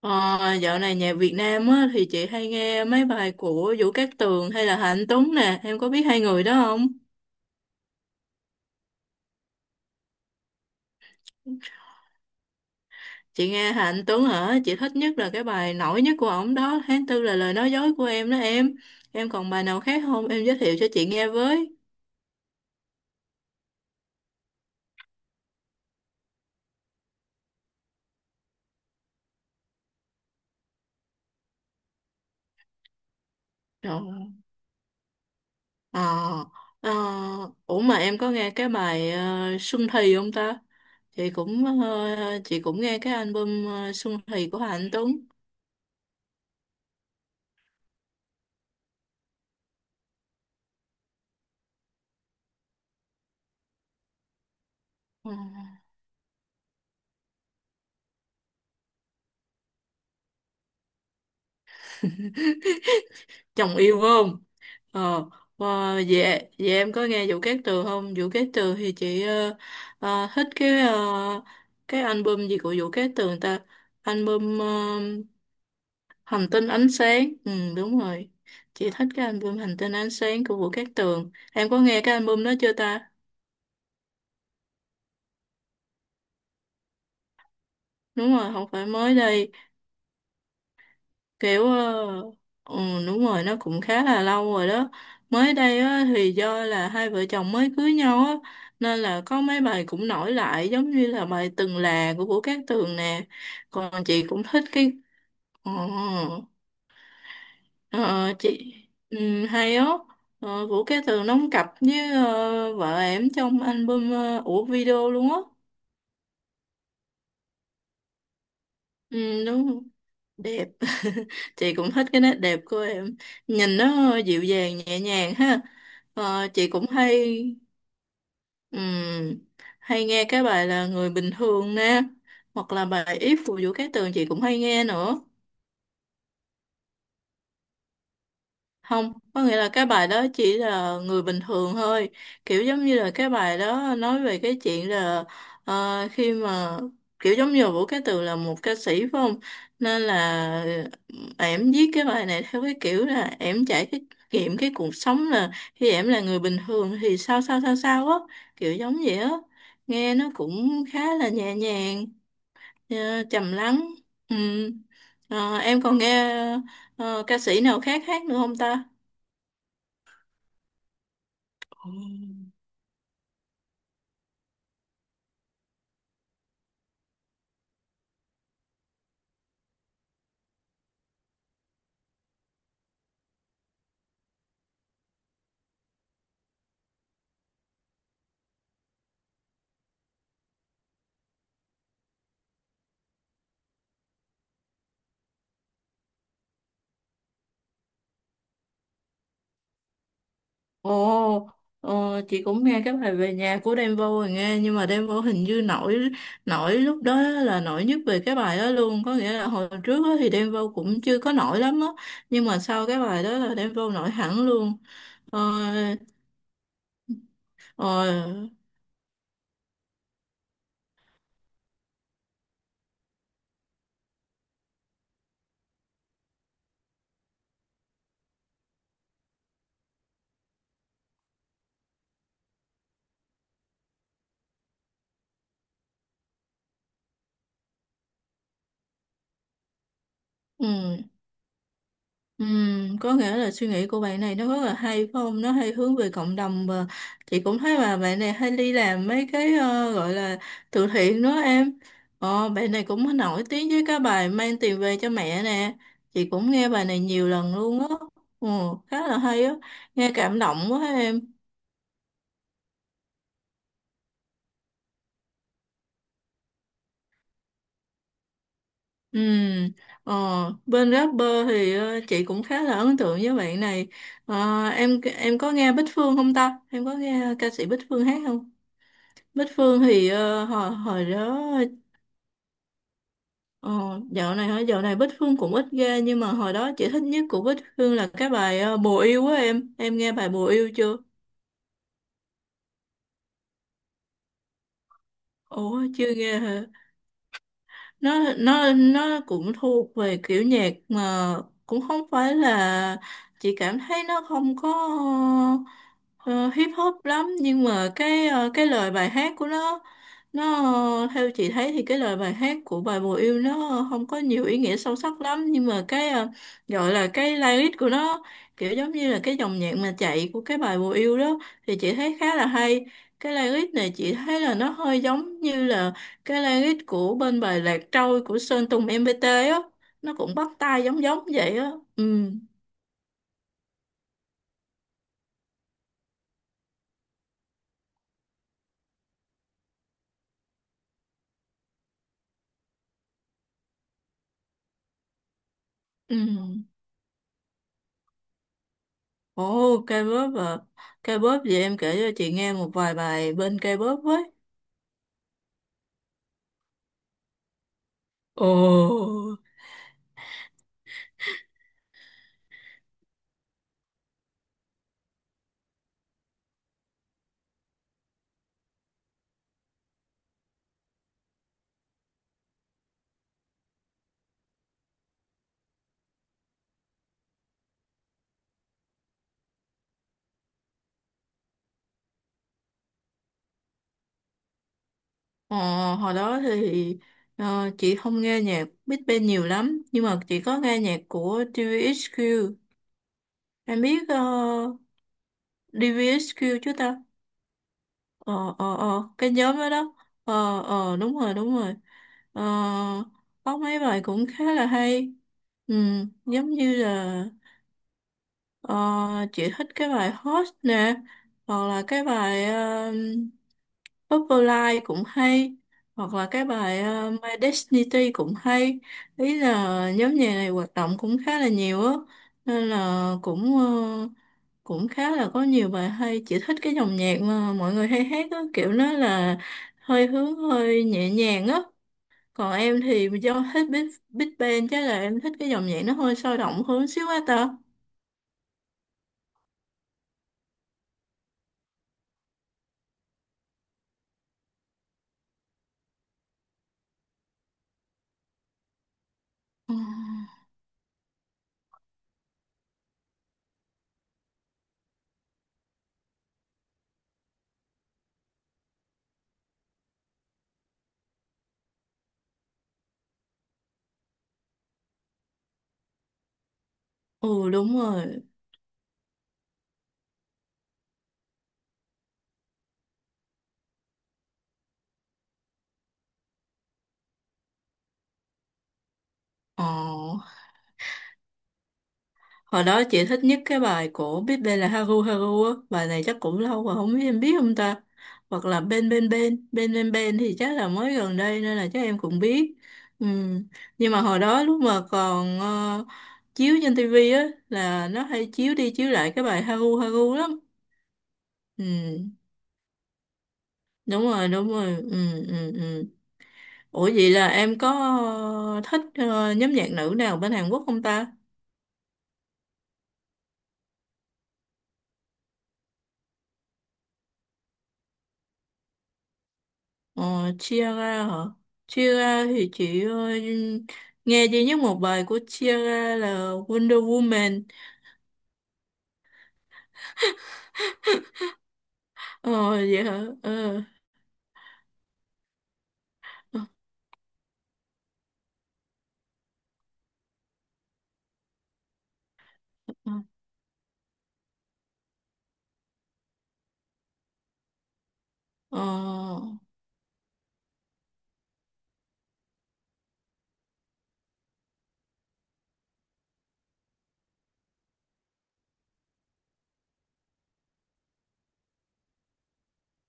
Ờ, dạo này nhạc Việt Nam á, thì chị hay nghe mấy bài của Vũ Cát Tường hay là Hà Anh Tuấn nè, em có biết hai người đó không? Chị nghe Hà Anh Tuấn hả? Chị thích nhất là cái bài nổi nhất của ổng đó, Tháng Tư là lời nói dối của em đó em. Em còn bài nào khác không? Em giới thiệu cho chị nghe với. Rồi. Ờ, ờ, ủa mà em có nghe cái bài Xuân Thì không ta? Chị cũng ờ, chị cũng nghe cái album Xuân Thì của Hà Anh Tuấn. Ờ. Chồng yêu phải không? Ờ và vậy vậy em có nghe Vũ Cát Tường không? Vũ Cát Tường thì chị thích cái album gì của Vũ Cát Tường ta? Album Hành tinh ánh sáng, ừ đúng rồi, chị thích cái album Hành tinh ánh sáng của Vũ Cát Tường. Em có nghe cái album đó chưa ta? Đúng rồi, không phải mới đây. Kiểu ừ, đúng rồi, nó cũng khá là lâu rồi đó. Mới đây á, thì do là hai vợ chồng mới cưới nhau á, nên là có mấy bài cũng nổi lại giống như là bài Từng Là của Vũ Cát Tường nè. Còn chị cũng thích cái ờ, ờ, chị hay á. Vũ Cát Tường đóng cặp với vợ ẻm trong album, của video luôn á. Ừ, đúng đẹp. Chị cũng thích cái nét đẹp của em, nhìn nó dịu dàng nhẹ nhàng ha. Chị cũng hay ừm, hay nghe cái bài Là Người Bình Thường nè, hoặc là bài If của Vũ Cát Tường chị cũng hay nghe nữa. Không, có nghĩa là cái bài đó chỉ là người bình thường thôi. Kiểu giống như là cái bài đó nói về cái chuyện là, khi mà, kiểu giống như là Vũ Cá Tường là một ca sĩ phải không? Nên là ẻm viết cái bài này theo cái kiểu là ẻm trải cái nghiệm cái cuộc sống, là khi ẻm là người bình thường thì sao sao sao sao á, kiểu giống vậy á. Nghe nó cũng khá là nhẹ nhàng, trầm lắng. Ừ. Em còn nghe ca sĩ nào khác hát nữa không ta? Ồ, ồ, chị cũng nghe cái bài Về Nhà của Đen Vâu rồi nghe, nhưng mà Đen Vâu hình như nổi nổi lúc đó là nổi nhất về cái bài đó luôn. Có nghĩa là hồi trước á thì Đen Vâu cũng chưa có nổi lắm á, nhưng mà sau cái bài đó là Đen Vâu nổi hẳn luôn. ờ, ờ, ừ. Có nghĩa là suy nghĩ của bạn này nó rất là hay phải không? Nó hay hướng về cộng đồng, và chị cũng thấy mà bạn này hay đi làm mấy cái, gọi là từ thiện nữa em. Ờ, bạn này cũng nổi tiếng với cái bài Mang Tiền Về Cho Mẹ nè. Chị cũng nghe bài này nhiều lần luôn á. Ừ, khá là hay á. Nghe cảm động quá em. Ừm, ờ, Bên rapper thì chị cũng khá là ấn tượng với bạn này. Ờ, em có nghe Bích Phương không ta? Em có nghe ca sĩ Bích Phương hát không? Bích Phương thì ờ, hồi hồi đó ờ, dạo này hả? Dạo này Bích Phương cũng ít ra, nhưng mà hồi đó chị thích nhất của Bích Phương là cái bài, Bồ Yêu á, em nghe bài Bồ Yêu chưa? Ủa chưa nghe hả? Nó cũng thuộc về kiểu nhạc mà, cũng không phải là, chị cảm thấy nó không có ờ, hip hop lắm, nhưng mà cái lời bài hát của nó theo chị thấy thì cái lời bài hát của bài Bồ Yêu nó không có nhiều ý nghĩa sâu sắc lắm, nhưng mà cái, gọi là cái lyric của nó, kiểu giống như là cái dòng nhạc mà chạy của cái bài Bồ Yêu đó, thì chị thấy khá là hay. Cái lyric này chị thấy là nó hơi giống như là cái language của bên bài Lạc Trôi của Sơn Tùng MPT á, nó cũng bắt tai giống giống vậy á. Ừ, ừ. Ồ, K-pop à? K-pop vậy em kể cho chị nghe một vài bài bên K-pop với. Ồ. ờ, Hồi đó thì chị không nghe nhạc Big Bang nhiều lắm, nhưng mà chị có nghe nhạc của DVXQ. Em biết DVXQ chứ ta? Ờ cái nhóm đó đó. Ờ, ờ, đúng rồi, đúng rồi. Ờ, có mấy bài cũng khá là hay. Ừ, giống như là, Ờ, chị thích cái bài Hot nè, hoặc là cái bài, Purple cũng hay, hoặc là cái bài My Destiny cũng hay. Ý là nhóm nhạc này hoạt động cũng khá là nhiều á, nên là cũng cũng khá là có nhiều bài hay. Chị thích cái dòng nhạc mà mọi người hay hát á, kiểu nó là hơi hướng hơi nhẹ nhàng á. Còn em thì do thích Big Bang chắc là em thích cái dòng nhạc nó hơi sôi động hơn xíu á ta. Ừ. Ừ đúng rồi. Ờ, hồi đó chị thích nhất cái bài của Biết Bên là Haru Haru á. Bài này chắc cũng lâu rồi không biết em biết không ta. Hoặc là Bên Bên Bên, Bên Bên Bên thì chắc là mới gần đây nên là chắc em cũng biết. Ừ. Nhưng mà hồi đó lúc mà còn chiếu trên tivi á là nó hay chiếu đi chiếu lại cái bài Haru Haru lắm. Ừ, đúng rồi, đúng rồi. Ừ, ừ, ừ. Ủa vậy là em có thích nhóm nhạc nữ nào bên Hàn Quốc không ta? Ờ, chia ra hả? Chia ra thì chị nghe duy nhất một bài của chia ra là Wonder Woman. Ờ, vậy hả? Ờ, ờ, ờ, ờ,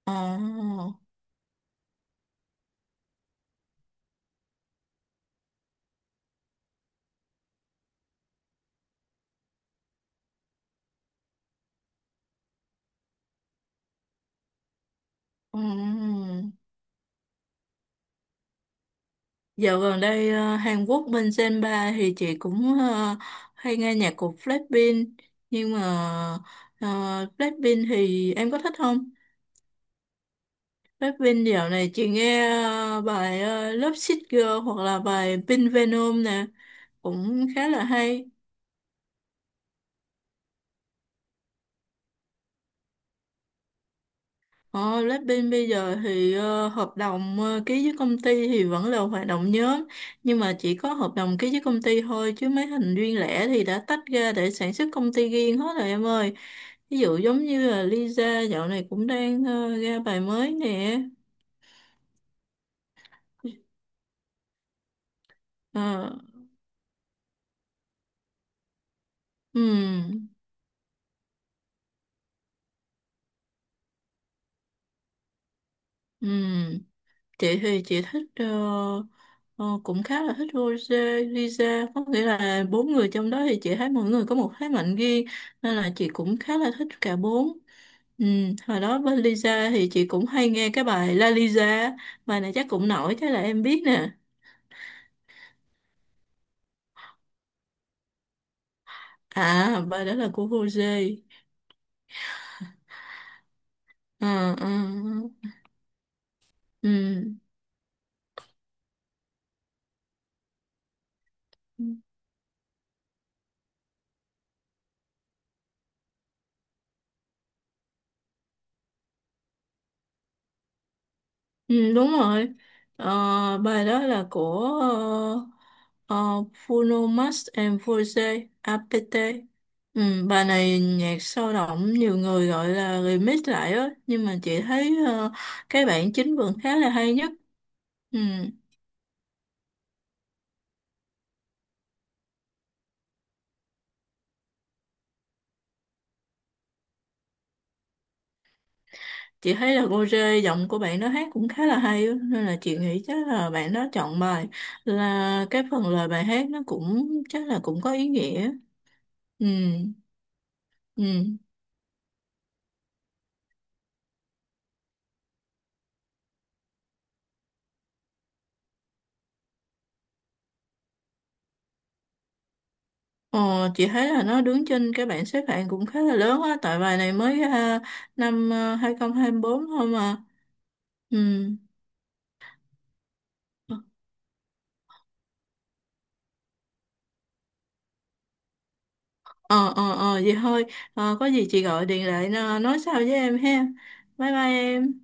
ờ. ờ, ờ. Dạo gần đây Hàn Quốc bên Senpa thì chị cũng hay nghe nhạc của Blackpink. Nhưng mà ờ, Blackpink thì em có thích không? Rap Vin dạo này chị nghe bài Love Sick Girl hoặc là bài Pink Venom nè, cũng khá là hay. Ờ, Blackpink bây giờ thì hợp đồng ký với công ty thì vẫn là hoạt động nhóm, nhưng mà chỉ có hợp đồng ký với công ty thôi, chứ mấy thành viên lẻ thì đã tách ra để sản xuất công ty riêng hết rồi em ơi. Ví dụ giống như là Lisa dạo này cũng đang ra bài mới nè. Ờ, ừm, ừm. Chị thì chị cũng khá là thích Rosé, Lisa, có nghĩa là bốn người trong đó thì chị thấy mỗi người có một thế mạnh riêng, nên là chị cũng khá là thích cả bốn. Ừ, hồi đó với Lisa thì chị cũng hay nghe cái bài La Lisa, bài này chắc cũng nổi chắc là em biết nè. À bài đó là của Rosé. Ờ ờ ờ. Ừ. Ừ. Ừ, đúng rồi. Ờ, bài đó là của ờ, Bruno Mars and Force APT. Ừ, bài này nhạc sôi động nhiều người gọi là remix lại á, nhưng mà chị thấy cái bản chính vẫn khá là hay nhất. Ừ, chị thấy là Rose giọng của bạn đó hát cũng khá là hay á, nên là chị nghĩ chắc là bạn đó chọn bài là cái phần lời bài hát nó cũng chắc là cũng có ý nghĩa. Ừ, ừ. Ờ, chị thấy là nó đứng trên cái bảng xếp hạng cũng khá là lớn á, tại bài này mới năm 2024 thôi mà. Ừ. Ờ, ờ, ờ, vậy thôi. Ờ, có gì chị gọi điện lại, nói sau với em ha. Bye bye em.